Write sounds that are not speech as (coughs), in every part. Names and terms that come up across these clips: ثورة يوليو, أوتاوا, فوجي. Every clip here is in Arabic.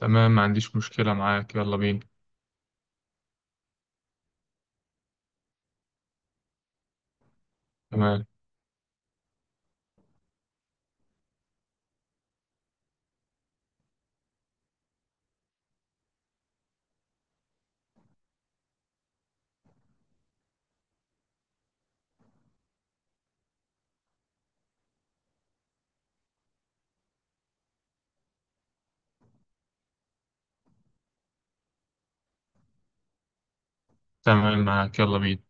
تمام، ما عنديش مشكلة معاك، يلا بينا. تمام. تمام، معاك، يلا بينا.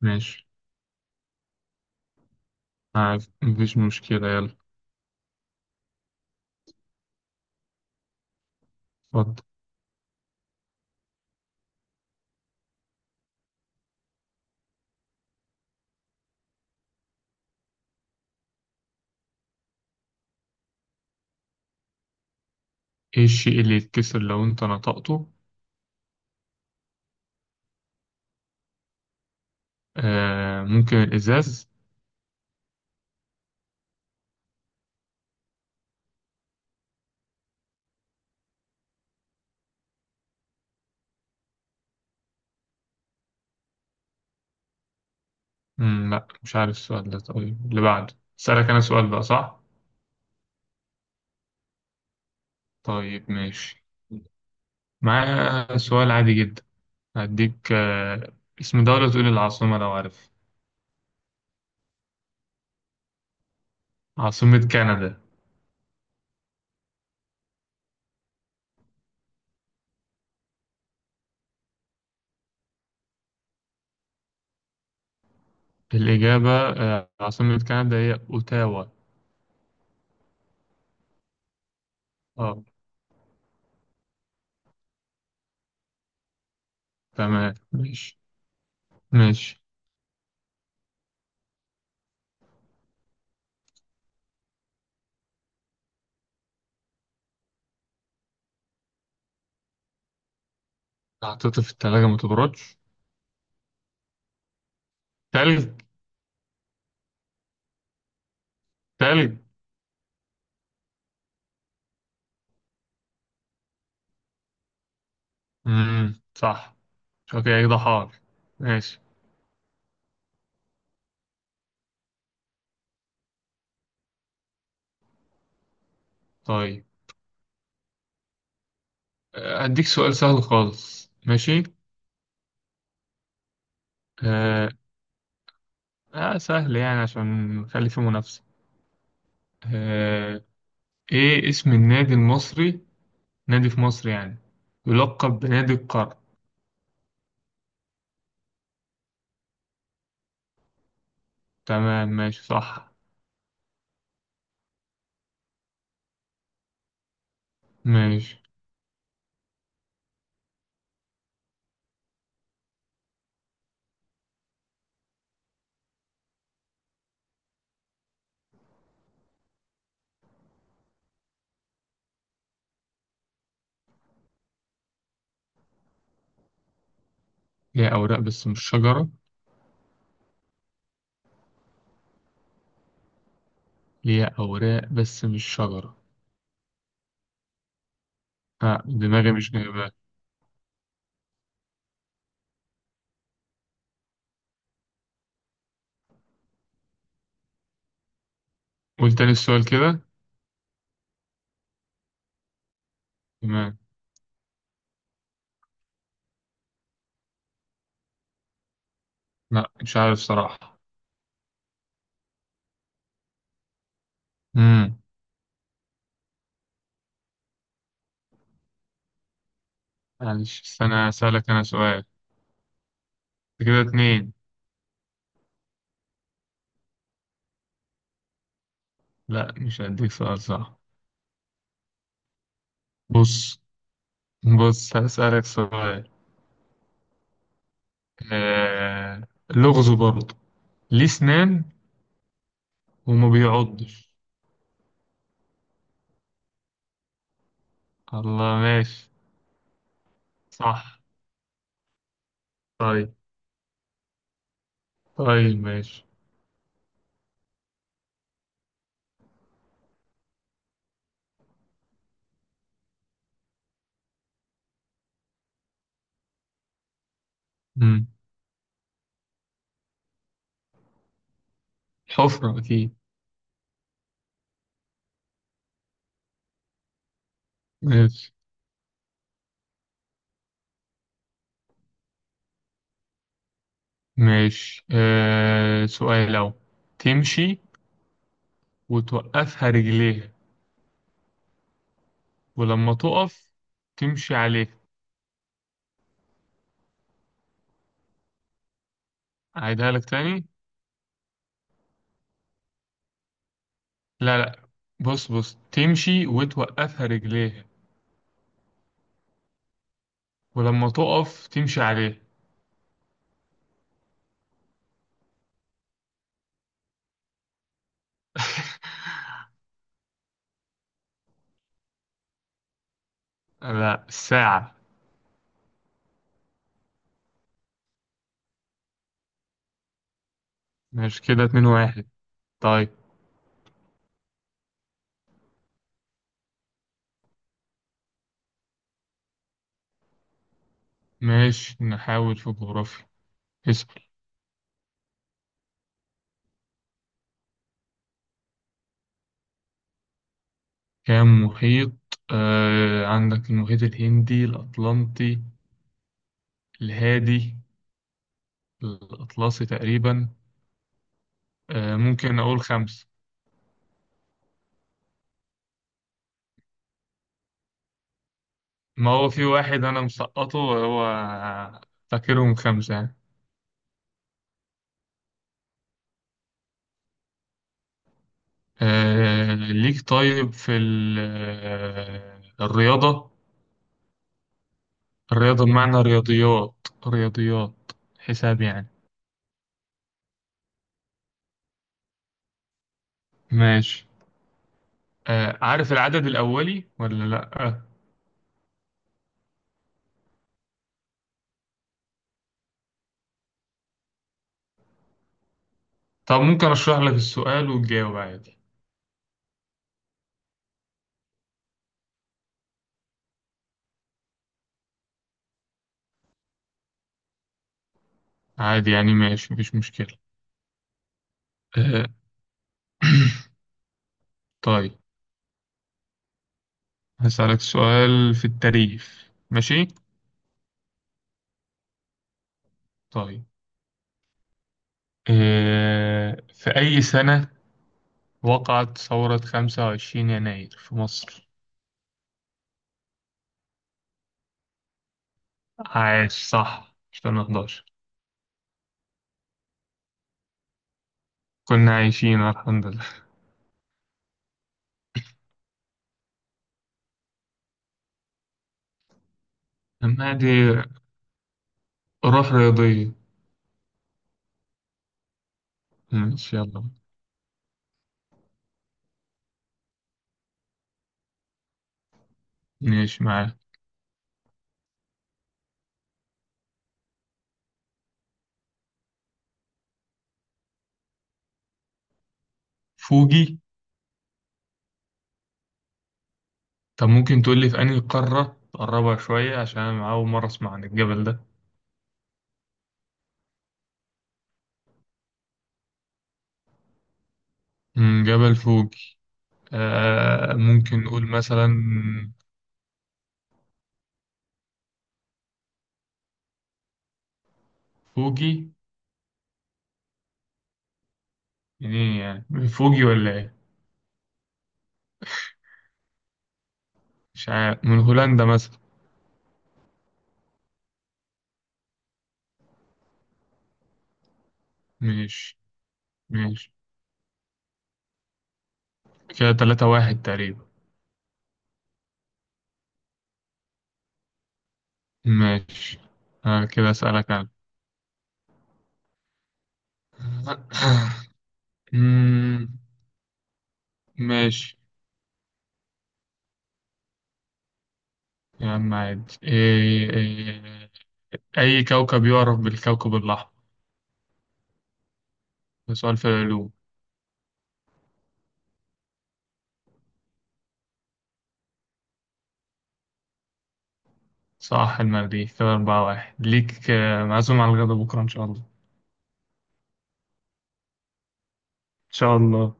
ماشي. معاك، مفيش مشكلة، يلا. اتفضل. ايه الشيء اللي يتكسر لو انت نطقته؟ آه، ممكن الإزاز. لا، مش عارف السؤال ده. طيب، اللي بعده سألك أنا سؤال بقى، صح؟ طيب ماشي. معايا سؤال عادي جدا. هديك اسم دولة تقول العاصمة لو عارف. عاصمة كندا. الإجابة عاصمة كندا هي أوتاوا. اه. تمام ماشي. ماشي. حطيته في التلاجة ما تبردش. تلج. تلج. صح. اوكي، ده حار. ماشي. طيب، هديك سؤال سهل خالص، ماشي. آه, آه، سهل يعني عشان نخلي فيه منافسة. آه. ايه اسم النادي المصري، نادي في مصر يعني، يلقب بنادي القرن؟ تمام ماشي، صح. ماشي. ليها أوراق بس مش شجرة. ليها أوراق بس مش شجرة. آه، دماغي مش جايبها. قول تاني السؤال كده. تمام. لا، مش عارف صراحة. امم معلش استنى أسألك أنا سؤال. أنت كده اتنين. لا، مش هديك سؤال، صح. بص بص هسألك سؤال. لغز برضه. ليه سنان وما بيعضش؟ الله، ماشي. صح. طيب. طيب ماشي. مم. حفرة أكيد. ماشي ماشي. سؤال. لو تمشي وتوقفها رجليها ولما تقف تمشي عليها. أعيدها لك تاني. لا لا، بص تمشي وتوقفها رجليه ولما تقف تمشي عليه. (laughs) لا، الساعة. ماشي، كده اتنين واحد. طيب ماشي، نحاول في الجغرافيا. اسأل. كام محيط؟ آه، عندك المحيط الهندي، الأطلنطي، الهادي، الأطلسي تقريبا. آه، ممكن أقول خمسة. ما هو في واحد أنا مسقطه وهو فاكرهم خمسة يعني. آه، ليك. طيب في الرياضة. الرياضة بمعنى رياضيات. رياضيات، حساب يعني. ماشي. آه، عارف العدد الأولي ولا لأ؟ طب ممكن أشرح لك السؤال وتجاوب عادي. عادي يعني، ماشي مفيش مشكلة. آه. (clears throat) طيب، هسألك سؤال في التاريخ، ماشي؟ طيب. آه، في أي سنة وقعت ثورة 25 يناير في مصر؟ عاش، صح 2011. كنا عايشين الحمد لله. أما عادي، روح رياضية. ماشي يلا. ماشي معاك. فوجي. طب ممكن تقول لي في أنهي قارة؟ تقربها شوية عشان أنا أول مرة أسمع عن الجبل ده. مم، جبل فوجي. آه ممكن نقول مثلا فوجي. منين يعني؟ من فوجي ولا إيه؟ مش عارف، من هولندا مثلا. ماشي. ماشي، كده تلاتة واحد تقريبا. ماشي. آه، كده أسألك أنا. (coughs) مم، ماشي. يا عم عادي، إيه إيه. أي كوكب يعرف بالكوكب الأحمر؟ ده سؤال في العلوم. صح، المريخ، كده أربعة واحد ليك. آه، معزوم على الغدا بكرة إن شاء الله. إن شاء الله.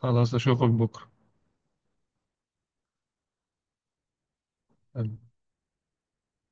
خلاص، أشوفك بكرة.